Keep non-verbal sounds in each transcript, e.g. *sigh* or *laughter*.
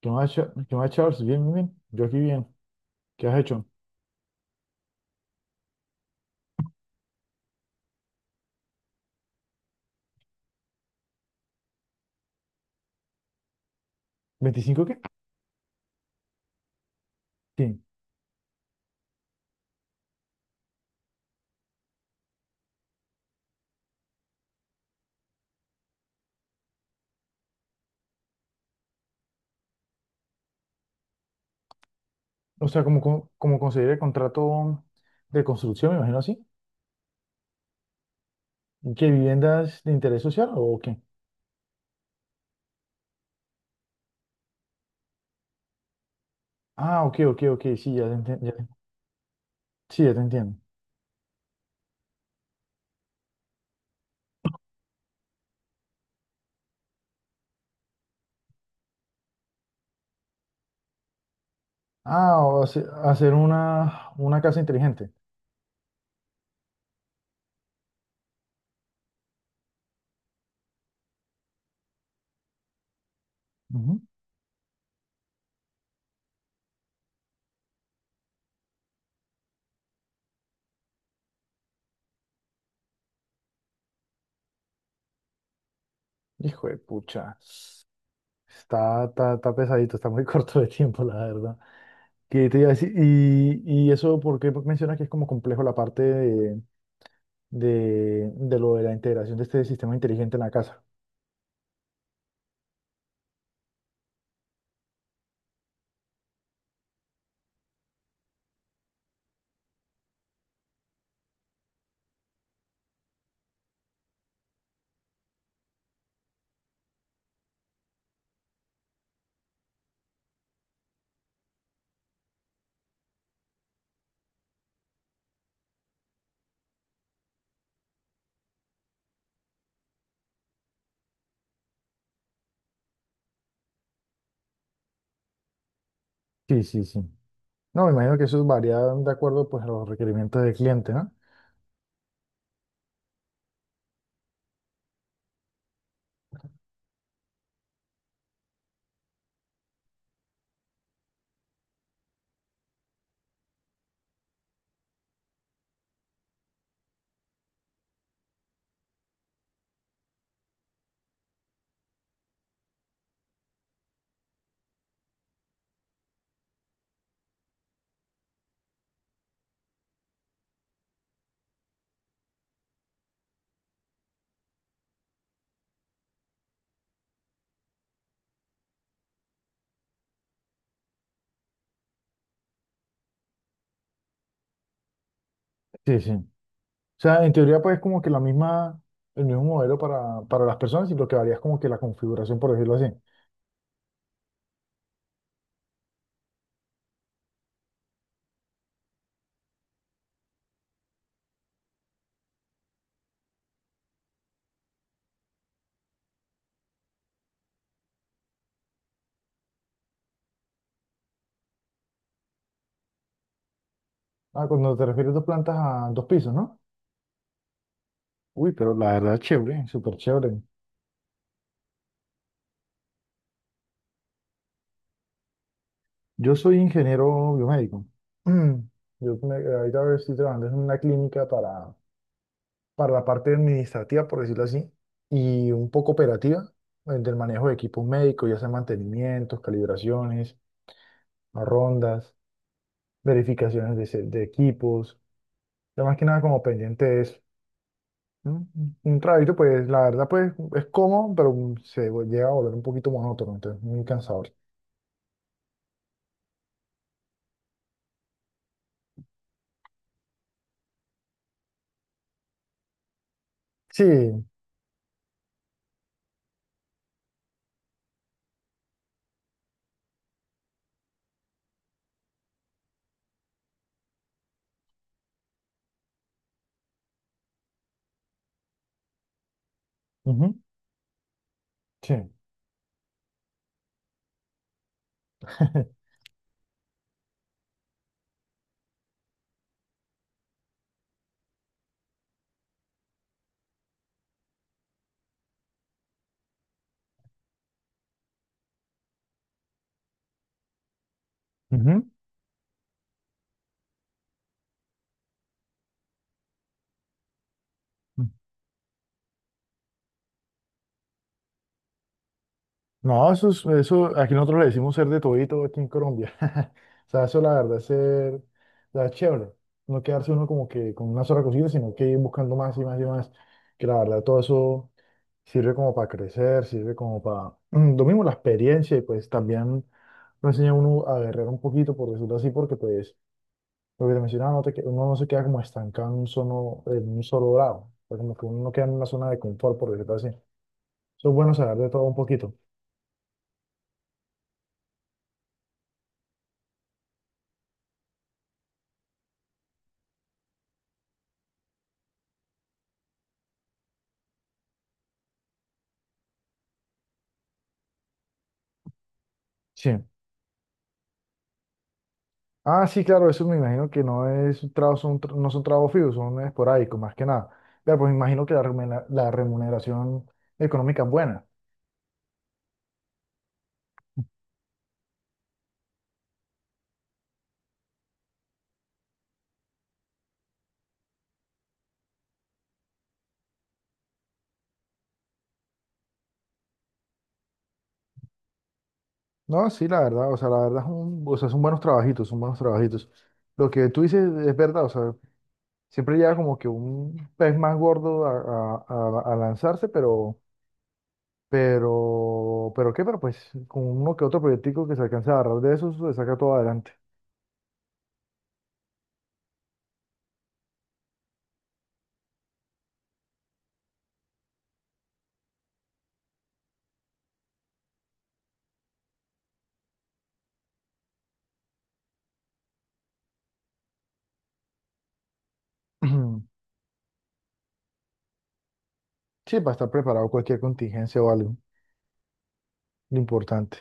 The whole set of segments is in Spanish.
¿Qué más, qué más, Charles? Bien, bien, bien. Yo aquí bien. ¿Qué has hecho? ¿25 qué? Sí. O sea, como conseguir el contrato de construcción, me imagino así. ¿Qué viviendas de interés social o qué? Ah, ok, ok, ok. Sí, ya te, sí, ya te entiendo. Ah, hacer una casa inteligente. Ujú. Hijo de pucha. Está pesadito, está muy *laughs* corto de tiempo, la verdad. ¿Qué te iba a decir? Y eso, ¿por qué mencionas que es como complejo la parte de, de lo de la integración de este sistema inteligente en la casa. Sí, sí, sí. No, me imagino que eso varía de acuerdo pues a los requerimientos del cliente, ¿no? Sí, sí. O sea, en teoría pues es como que el mismo modelo para las personas y lo que varía es como que la configuración, por decirlo así. Ah, cuando te refieres dos plantas a dos pisos, ¿no? Uy, pero la verdad chévere, súper chévere. Yo soy ingeniero biomédico. *clears throat* Ahorita estoy trabajando en una clínica para la parte administrativa, por decirlo así, y un poco operativa, del manejo de equipos médicos, ya sea mantenimientos, calibraciones, rondas, verificaciones de, de equipos, ya más que nada como pendiente de eso. ¿No? Un trabajito, pues la verdad, pues es cómodo, pero llega a volver un poquito monótono, entonces muy cansador. Sí, ujú, sí. *laughs* Ujú. No, eso es, eso, aquí nosotros le decimos ser de todito aquí en Colombia. *laughs* O sea, eso la verdad es ser, la sea, chévere. No quedarse uno como que con una sola cosita, sino que ir buscando más y más y más. Que la verdad todo eso sirve como para crecer, sirve como para, *clears throat* lo mismo la experiencia y pues también lo enseña a uno a guerrear un poquito, por decirlo así, porque pues lo que te mencionaba, uno no se queda como estancado en un solo lado. O sea, como que uno no queda en una zona de confort, por decirlo así. Eso es bueno saber de todo un poquito. Sí. Ah, sí, claro, eso me imagino que no es un trabajo, no son trabajos fijos, son esporádicos, más que nada. Claro, pues me imagino que la remuneración económica es buena. No, sí, la verdad, o sea, la verdad es un- o sea, son buenos trabajitos, son buenos trabajitos. Lo que tú dices es verdad, o sea, siempre llega como que un pez más gordo a lanzarse, pero, pero pues con uno que otro proyectico que se alcance a agarrar de esos, se saca todo adelante. *clears throat* Sí, para estar preparado cualquier contingencia o algo, lo importante.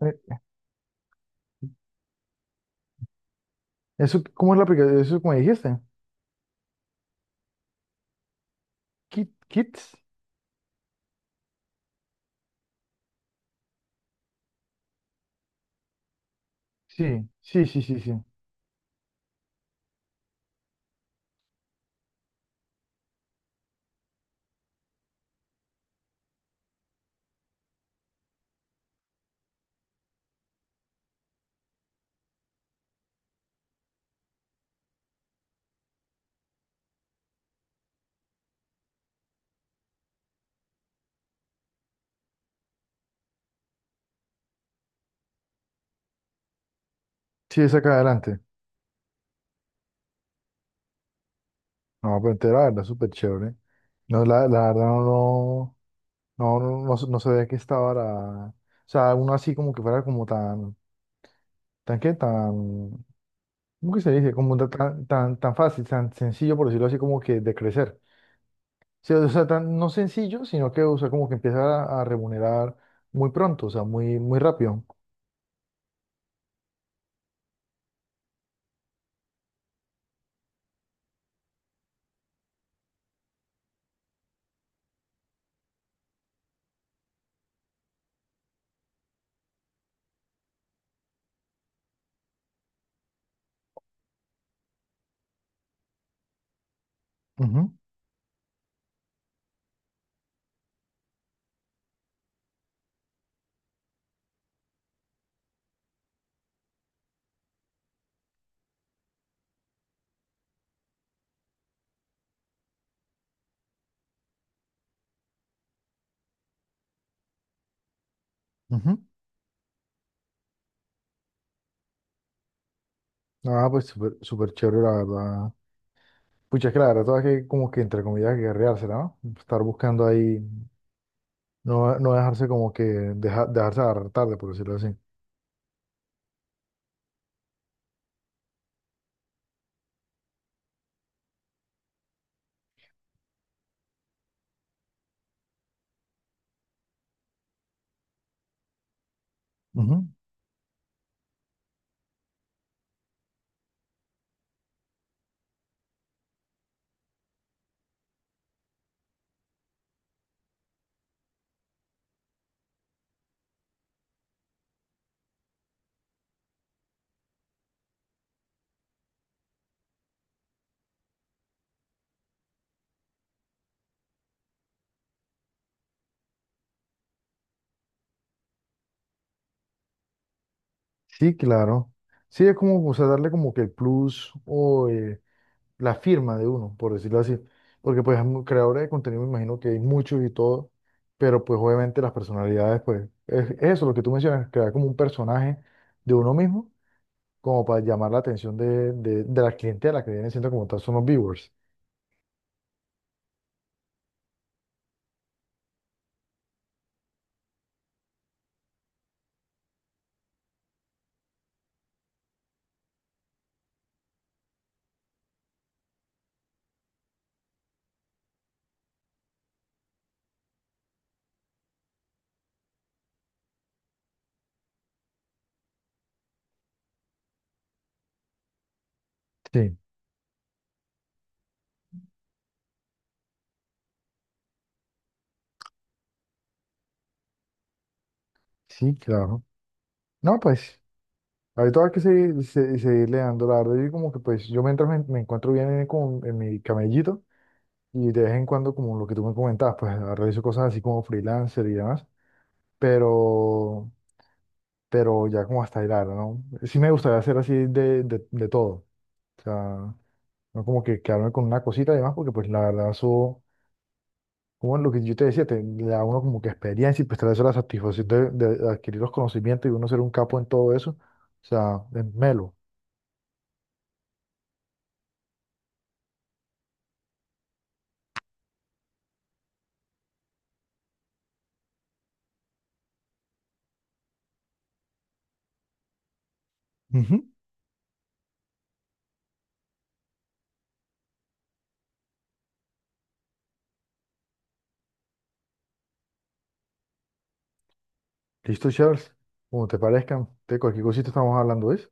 Eh, Eso, ¿cómo es la aplicación? Eso, ¿como dijiste? Kits. Sí, sí, sí, sí, sí. Sí, es acá adelante. No, la verdad, súper chévere. No, la verdad, no, no, no, no, no sabía que estaba la... O sea, uno así como que fuera como tan, tan, ¿cómo que se dice? Como tan fácil, tan sencillo, por decirlo así, como que de crecer. Sí, o sea, tan, no sencillo, sino que, o sea, como que empieza a remunerar muy pronto, o sea, muy, muy rápido. Ujú, ujú. Ah, pues súper súper chévere, la verdad. Pucha, es que la verdad, todas que como que entre comillas guerreársela, ¿no? Estar buscando ahí, no, no dejarse como que, dejarse agarrar tarde, por decirlo así. Ujú. Sí, claro. Sí, es como, o sea, darle como que el plus o la firma de uno, por decirlo así. Porque pues creadores de contenido me imagino que hay muchos y todo, pero pues obviamente las personalidades, pues, es eso lo que tú mencionas, crear como un personaje de uno mismo como para llamar la atención de la clientela que vienen siendo como tal son los viewers. Sí, sí, claro. No, pues, ahorita hay que seguir, seguirle dando la verdad. Yo como que pues yo mientras me encuentro bien en, como en mi camellito y de vez en cuando como lo que tú me comentabas, pues realizo cosas así como freelancer y demás, pero, pero ya como hasta hilar, ¿no? Sí me gustaría hacer así de todo. O sea, no como que quedarme con una cosita y demás, porque pues la verdad eso como lo que yo te decía, le da a uno como que experiencia y pues trae eso la satisfacción de adquirir los conocimientos y uno ser un capo en todo eso. O sea, es melo. Ujú. Listo, Charles. Como te parezcan, de cualquier cosita estamos hablando, ¿es?